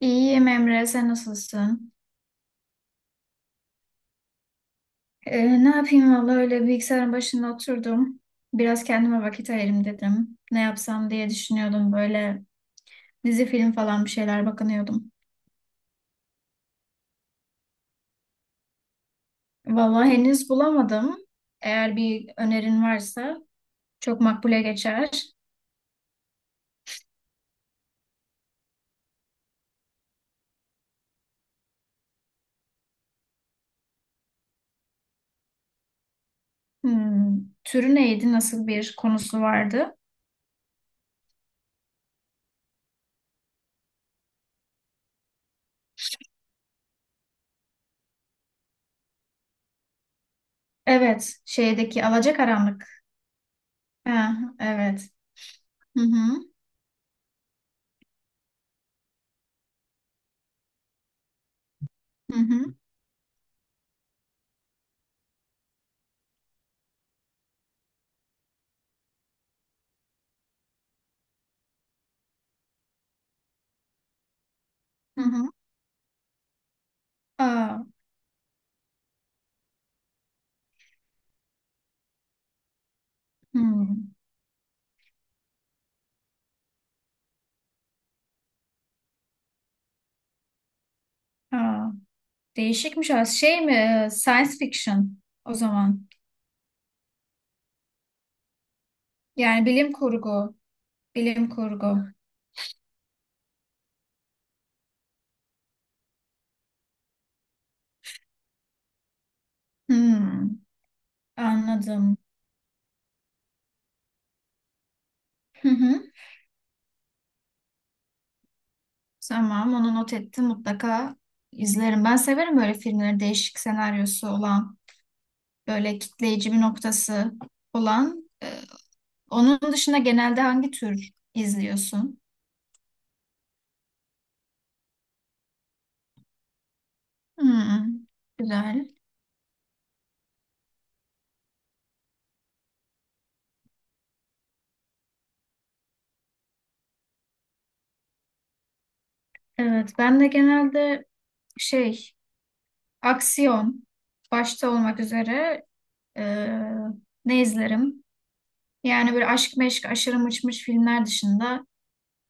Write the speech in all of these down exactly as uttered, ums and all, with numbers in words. İyiyim Emre, sen nasılsın? Ee, ne yapayım valla öyle bilgisayarın başında oturdum. Biraz kendime vakit ayırayım dedim. Ne yapsam diye düşünüyordum böyle dizi film falan bir şeyler bakınıyordum. Valla henüz bulamadım. Eğer bir önerin varsa çok makbule geçer. Hmm, türü neydi? Nasıl bir konusu vardı? Evet, şeydeki Alacakaranlık. Ha, evet. Hı hı, hı hı, hı hı. Aa, hı. Aa. Değişikmiş az şey mi? e, Science fiction o zaman. Yani bilim kurgu. Bilim kurgu. Hmm, anladım. Hı hı. Tamam, onu not ettim, mutlaka izlerim. Ben severim böyle filmleri, değişik senaryosu olan, böyle kitleyici bir noktası olan. E, onun dışında genelde hangi tür izliyorsun? Hmm, güzel. Evet, ben de genelde şey, aksiyon başta olmak üzere, Ee, ne izlerim? Yani böyle aşk meşk aşırı mıçmış filmler dışında,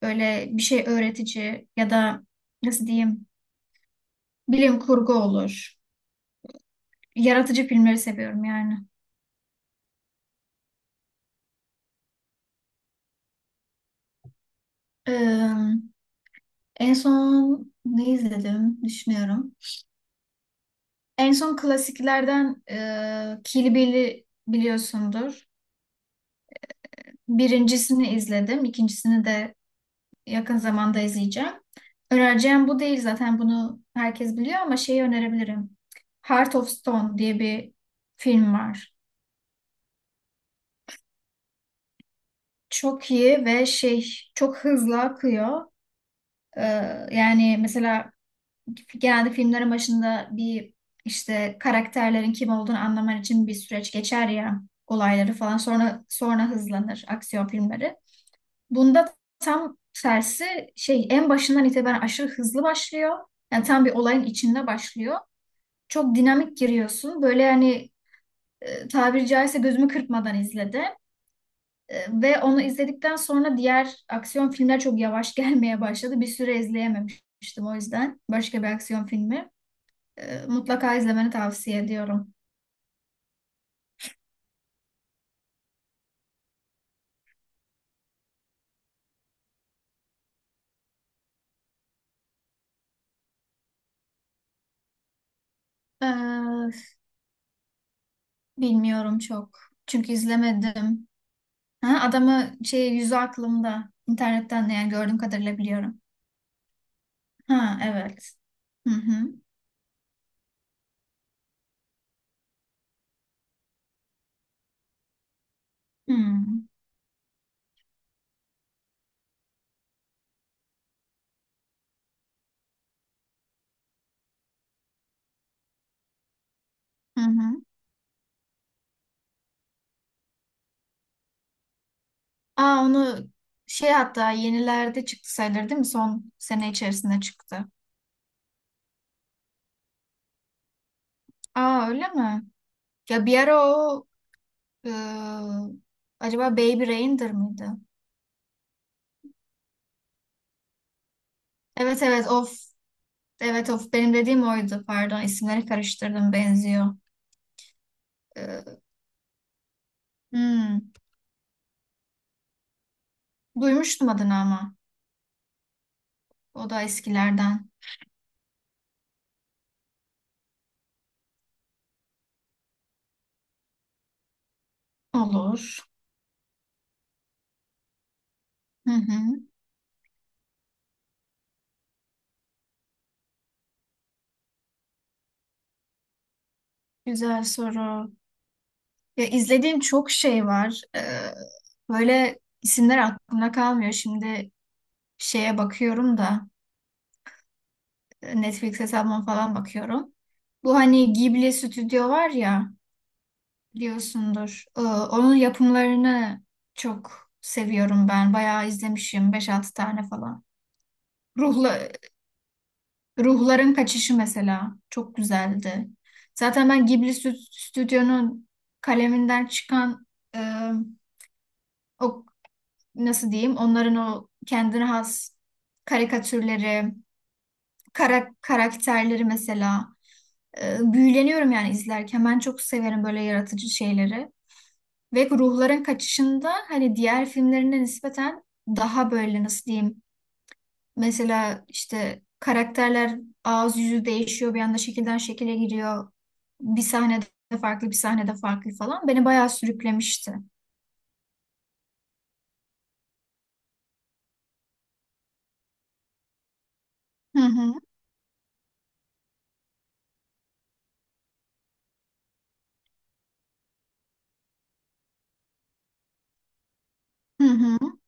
böyle bir şey öğretici ya da nasıl diyeyim, bilim kurgu olur. Yaratıcı filmleri seviyorum yani. Ee, En son ne izledim düşünüyorum. En son klasiklerden e, Kill Bill'i biliyorsundur. Birincisini izledim, ikincisini de yakın zamanda izleyeceğim. Önereceğim bu değil zaten, bunu herkes biliyor, ama şeyi önerebilirim. Heart of Stone diye bir film var. Çok iyi ve şey, çok hızlı akıyor. Ee, Yani mesela genelde filmlerin başında bir, işte karakterlerin kim olduğunu anlaman için bir süreç geçer ya olayları falan, sonra sonra hızlanır aksiyon filmleri. Bunda tam tersi, şey, en başından itibaren aşırı hızlı başlıyor. Yani tam bir olayın içinde başlıyor. Çok dinamik giriyorsun. Böyle yani, e, tabiri caizse gözümü kırpmadan izledim. E, ve onu izledikten sonra diğer aksiyon filmler çok yavaş gelmeye başladı. Bir süre izleyememiştim o yüzden. Başka bir aksiyon filmi. E, mutlaka izlemeni tavsiye ediyorum. E, Bilmiyorum çok. Çünkü izlemedim. Ha, adamı şey, yüzü aklımda. İnternetten yani, gördüğüm kadarıyla biliyorum. Ha evet. Hı hı. Hmm. Hı hı. Aa, onu şey, hatta yenilerde çıktı sayılır değil mi? Son sene içerisinde çıktı. Aa öyle mi? Ya bir ara o, ıı, acaba Baby Reindeer mıydı? Evet evet of. Evet of, benim dediğim oydu, pardon, isimleri karıştırdım, benziyor. Ee, hmm. Duymuştum adını ama o da eskilerden. Olur. Hı hı. Güzel soru. Ya izlediğim çok şey var. Ee, böyle isimler aklımda kalmıyor. Şimdi şeye bakıyorum da, e, Netflix hesabıma falan bakıyorum. Bu hani Ghibli stüdyo var ya, biliyorsundur. Ee, onun yapımlarını çok seviyorum ben. Bayağı izlemişim, beş altı tane falan. Ruhla, Ruhların Kaçışı mesela çok güzeldi. Zaten ben Ghibli stü- stüdyonun kaleminden çıkan e, o, nasıl diyeyim, onların o kendine has karikatürleri, kara, karakterleri mesela, e, büyüleniyorum yani izlerken. Ben çok severim böyle yaratıcı şeyleri. Ve ruhların kaçışında, hani diğer filmlerine nispeten daha böyle, nasıl diyeyim, mesela işte karakterler ağız yüzü değişiyor, bir anda şekilden şekile giriyor. Bir sahnede farklı, bir sahnede farklı falan. Beni bayağı sürüklemişti. Hı hı. Hı hı.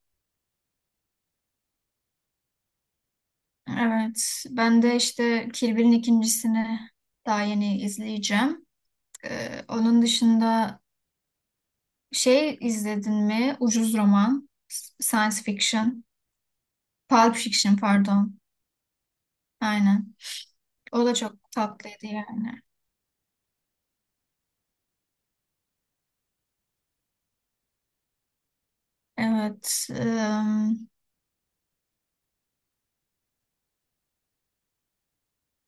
Evet, ben de işte Kill Bill'in ikincisini daha yeni izleyeceğim. Ee, onun dışında şey, izledin mi? Ucuz roman, s- science fiction, pulp fiction, pardon. Aynen. O da çok tatlıydı yani. Evet, ım,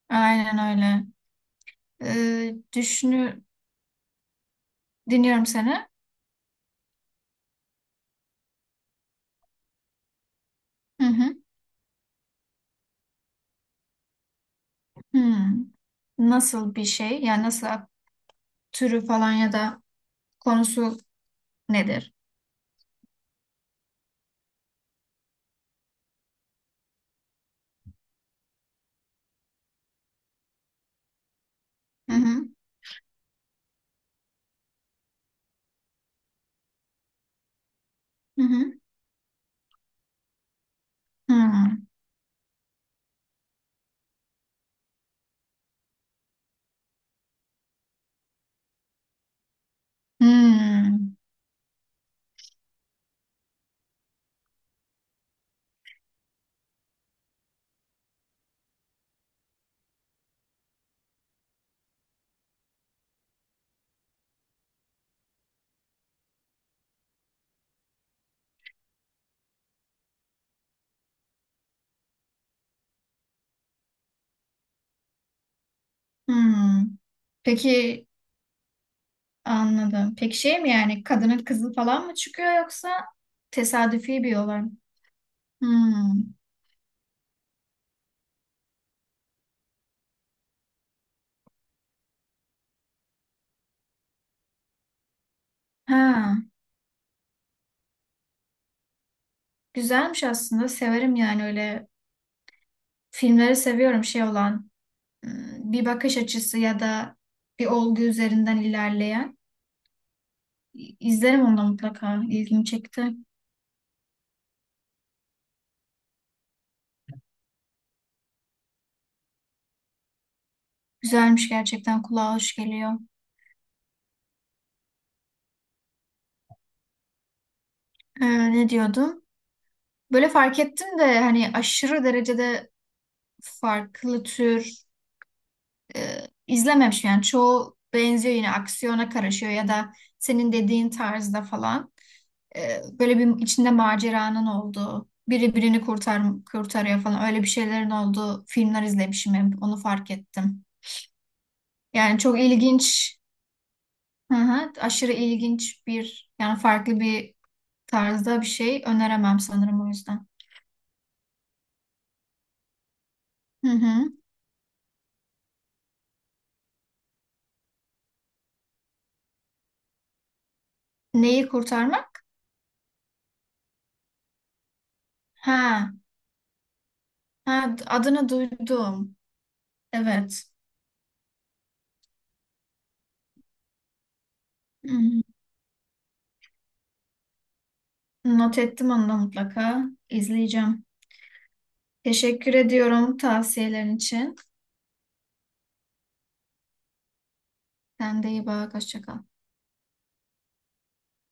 aynen öyle. Ee, düşünü dinliyorum seni. Hı hı. Hmm. Nasıl bir şey? Yani nasıl, türü falan ya da konusu nedir? Hı hı. Hı hı. Hı. Hmm, hmm. Peki anladım. Peki şey mi yani, kadının kızı falan mı çıkıyor yoksa tesadüfi bir olay mı? Hmm. Ha, güzelmiş aslında. Severim yani öyle filmleri, seviyorum şey olan, hmm, bir bakış açısı ya da bir olgu üzerinden ilerleyen. İ- İzlerim onu da mutlaka. İlgimi çekti. Güzelmiş gerçekten, kulağa hoş geliyor. Ee, ne diyordum? Böyle fark ettim de, hani aşırı derecede farklı tür e, izlememiş, yani çoğu benziyor, yine aksiyona karışıyor ya da senin dediğin tarzda falan. E, böyle bir içinde maceranın olduğu, biri birini kurtar kurtarıyor falan, öyle bir şeylerin olduğu filmler izlemişim, hep onu fark ettim. Yani çok ilginç, hı hı, aşırı ilginç bir, yani farklı bir tarzda bir şey öneremem sanırım o yüzden. Hı hı. Neyi kurtarmak? Ha, ha adını duydum. Evet. Not ettim onu da mutlaka. İzleyeceğim. Teşekkür ediyorum tavsiyelerin için. Sen de iyi bak. Hoşça kal.